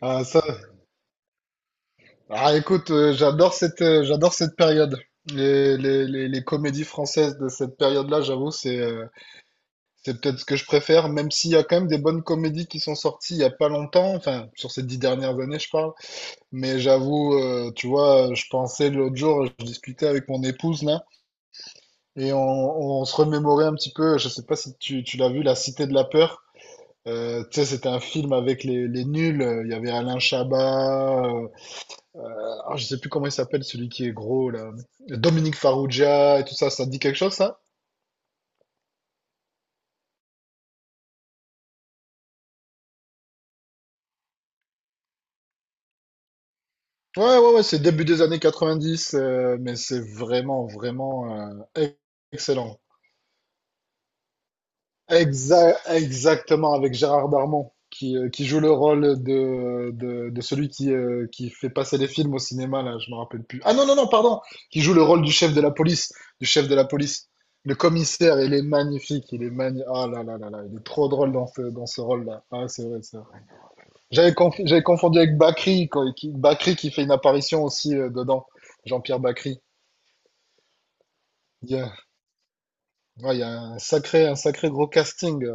Ah, ça... ah, j'adore j'adore cette période. Les comédies françaises de cette période-là, j'avoue, c'est peut-être ce que je préfère, même s'il y a quand même des bonnes comédies qui sont sorties il y a pas longtemps, enfin, sur ces 10 dernières années, je parle. Mais j'avoue, tu vois, je pensais l'autre jour, je discutais avec mon épouse, là, et on se remémorait un petit peu, je sais pas si tu l'as vu, La Cité de la Peur. Tu sais, c'était un film avec les Nuls. Il y avait Alain Chabat, ah, je sais plus comment il s'appelle, celui qui est gros, là. Dominique Farrugia et tout ça, ça te dit quelque chose, ça? Ouais, ouais, ouais, c'est début des années 90, mais c'est vraiment, vraiment e- excellent. Exactement, avec Gérard Darmon, qui joue le rôle de celui qui fait passer les films au cinéma, là, je me rappelle plus. Ah non, non, non, pardon, qui joue le rôle du chef de la police, du chef de la police. Le commissaire, il est magnifique, il est magnifique. Ah là là là là, il est trop drôle dans dans ce rôle-là. Ah, c'est vrai, c'est vrai. J'avais confondu avec Bakri, quoi, Bakri qui fait une apparition aussi dedans. Jean-Pierre Bakri. Il y a, ouais, il y a un sacré gros casting.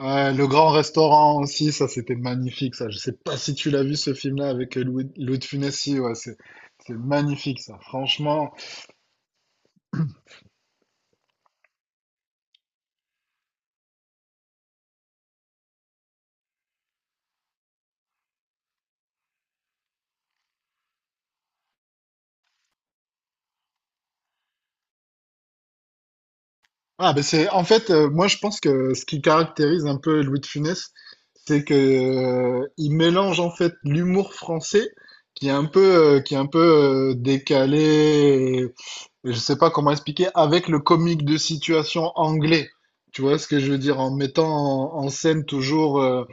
Ouais, Le Grand Restaurant aussi, ça c'était magnifique, ça. Je sais pas si tu l'as vu ce film-là avec Louis de Funès. Si, ouais, c'est magnifique, ça. Franchement. Ah, ben en fait, moi je pense que ce qui caractérise un peu Louis de Funès, c'est que il mélange en fait l'humour français qui est un peu, qui est un peu décalé, je sais pas comment expliquer, avec le comique de situation anglais. Tu vois ce que je veux dire, en mettant en scène toujours euh,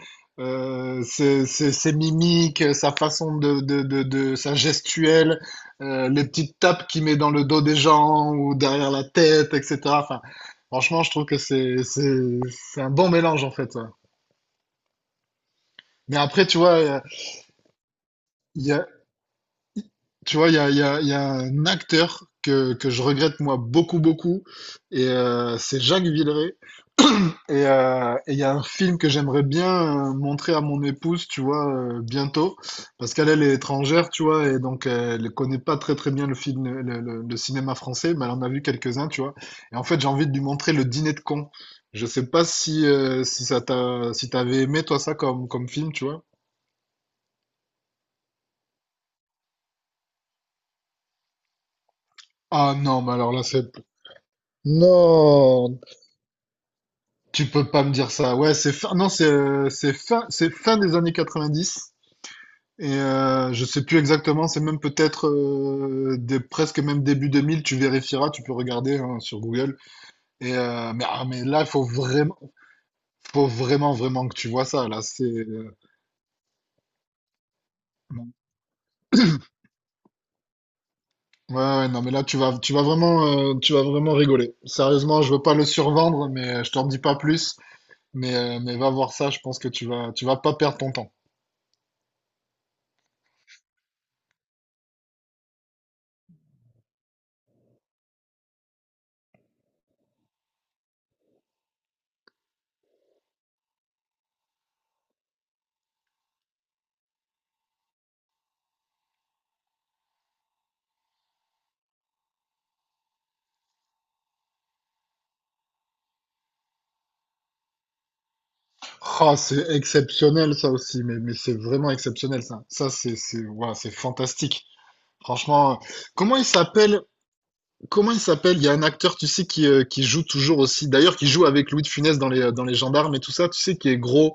euh, ses mimiques, sa façon sa gestuelle, les petites tapes qu'il met dans le dos des gens ou derrière la tête, etc. Enfin, franchement, je trouve que c'est un bon mélange en fait, ça. Mais après, tu vois, il y a, tu vois, il y a un acteur que je regrette moi beaucoup, beaucoup, et c'est Jacques Villeray. Et il y a un film que j'aimerais bien montrer à mon épouse, tu vois, bientôt, parce qu'elle est étrangère, tu vois, et donc elle connaît pas très très bien le film, le cinéma français, mais elle en a vu quelques-uns, tu vois. Et en fait, j'ai envie de lui montrer Le Dîner de cons. Je sais pas si si ça t'a si t'avais aimé toi ça comme film, tu vois. Ah non, mais alors là c'est non, tu peux pas me dire ça. Ouais, c'est fin, non c'est c'est fin des années 90. Et je sais plus exactement, c'est même peut-être presque même début 2000. Tu vérifieras, tu peux regarder hein, sur Google. Et mais là, faut vraiment, vraiment que tu vois ça. Là, c'est non. Ouais, ouais, non, mais là, tu vas vraiment rigoler. Sérieusement, je veux pas le survendre, mais je t'en dis pas plus. Mais va voir ça, je pense que tu vas pas perdre ton temps. Ah, c'est exceptionnel ça aussi, mais c'est vraiment exceptionnel ça. Ça, voilà, c'est fantastique. Franchement, comment il s'appelle? Comment il s'appelle? Il y a un acteur, tu sais, qui joue toujours aussi. D'ailleurs, qui joue avec Louis de Funès dans dans Les Gendarmes et tout ça, tu sais, qui est gros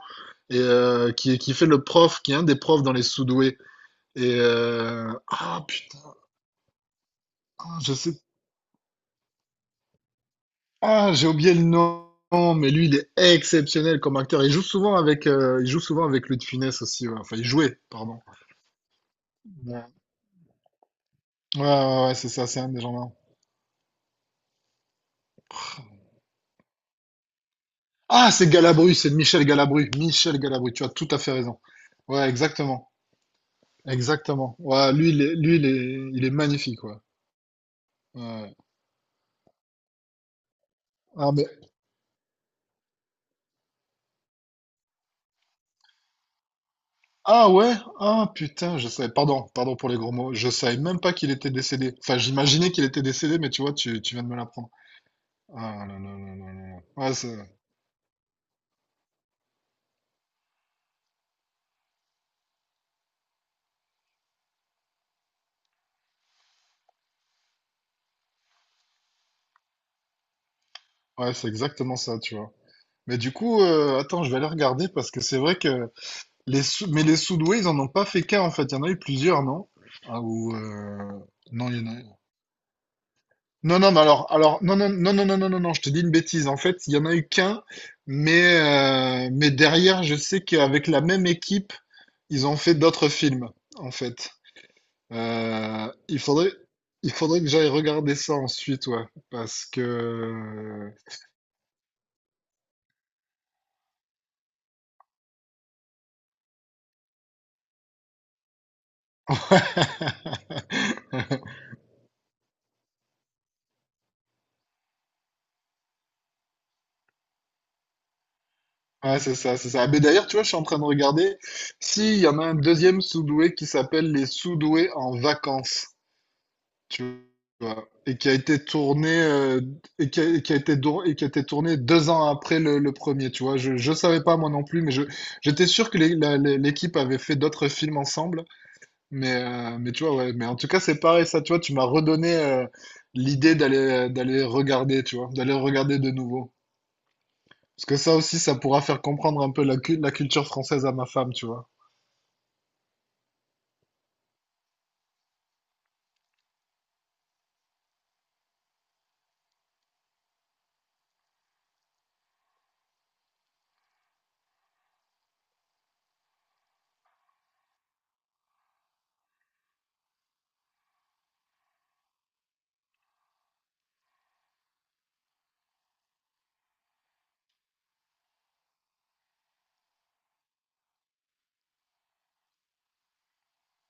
et qui fait le prof, qui est un des profs dans Les Sous-doués. Ah, putain, je sais. Ah, j'ai oublié le nom, mais lui, il est exceptionnel comme acteur. Il joue souvent avec Louis de Funès aussi. Ouais. Enfin, il jouait, pardon. Ouais, ouais, ouais, ouais, c'est ça, c'est un des gendarmes. Ah, c'est Galabru, c'est Michel Galabru. Michel Galabru, tu as tout à fait raison. Ouais, exactement. Exactement. Ouais, lui, il est magnifique, ouais. Ouais. Ah, mais, ah, ouais? Ah, putain, je savais, pardon, pardon pour les gros mots. Je savais même pas qu'il était décédé. Enfin, j'imaginais qu'il était décédé, mais tu vois, tu viens de me l'apprendre. Ah, là, là, là, là, là. Là. Ouais, ouais, c'est exactement ça, tu vois. Mais du coup, attends, je vais aller regarder parce que c'est vrai que les Sous-doués, ils en ont pas fait qu'un, en fait. Il y en a eu plusieurs, non? Ah, ou, non, il y en a... Non, non, mais alors, non, non, non, non, non, non, non, non, je te dis une bêtise. En fait, il y en a eu qu'un, mais derrière, je sais qu'avec la même équipe, ils ont fait d'autres films, en fait. Euh, il faudrait, il faudrait que j'aille regarder ça ensuite, ouais, parce que... ouais, c'est ça, c'est ça. Mais d'ailleurs, tu vois, je suis en train de regarder si il y en a un deuxième Sous-doué qui s'appelle Les Sous-doués en vacances. Tu vois, et qui a été tourné 2 ans après le premier, tu vois. Je savais pas moi non plus, mais je j'étais sûr que l'équipe avait fait d'autres films ensemble, mais tu vois ouais, mais en tout cas c'est pareil ça, tu vois, tu m'as redonné l'idée d'aller regarder, tu vois, d'aller regarder de nouveau. Parce que ça aussi, ça pourra faire comprendre un peu la culture française à ma femme, tu vois.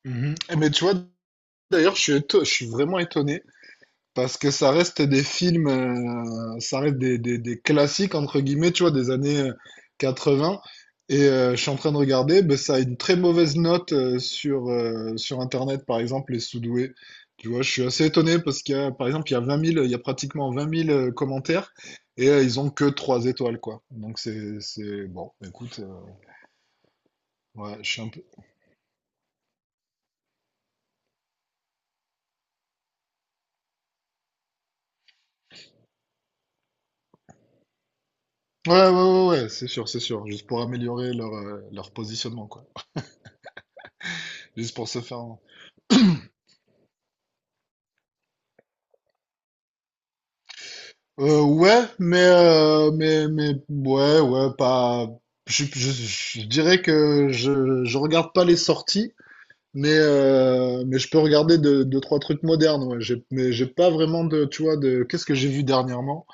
Mhm. Mais tu vois, d'ailleurs, je suis vraiment étonné. Parce que ça reste des classiques, entre guillemets, tu vois, des années 80. Et je suis en train de regarder, ben, ça a une très mauvaise note sur Internet, par exemple, Les Soudoués. Tu vois, je suis assez étonné parce qu'il y a, par exemple, il y a pratiquement 20 000 commentaires et ils ont que 3 étoiles, quoi. Donc bon, écoute, ouais, je suis un peu... Ouais, ouais, ouais, ouais, c'est sûr, c'est sûr. Juste pour améliorer leur positionnement, quoi. Juste pour se faire... Ouais, ouais, ouais, pas. Je, je, je dirais que je regarde pas les sorties, mais je peux regarder deux, trois trucs modernes, ouais. Mais j'ai pas vraiment de, tu vois, de. Qu'est-ce que j'ai vu dernièrement?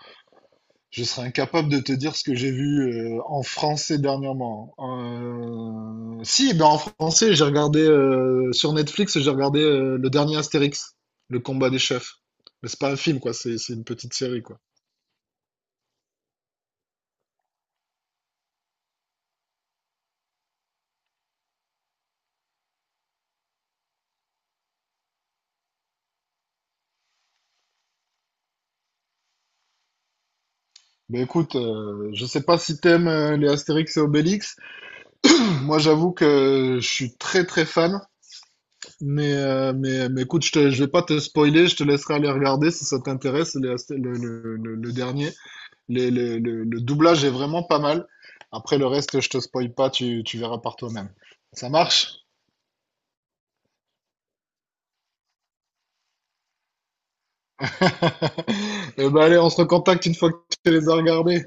Je serais incapable de te dire ce que j'ai vu en français dernièrement. Si, ben en français, j'ai regardé sur Netflix, j'ai regardé le dernier Astérix, Le Combat des Chefs. Mais c'est pas un film, quoi, c'est une petite série, quoi. Ben écoute, je sais pas si t'aimes les Astérix et Obélix. Moi, j'avoue que je suis très très fan, mais écoute, je vais pas te spoiler, je te laisserai aller regarder si ça t'intéresse les Asté- le dernier. Le doublage est vraiment pas mal. Après le reste, je te spoil pas, tu verras par toi-même. Ça marche? Eh ben allez, on se recontacte une fois que tu les as regardés.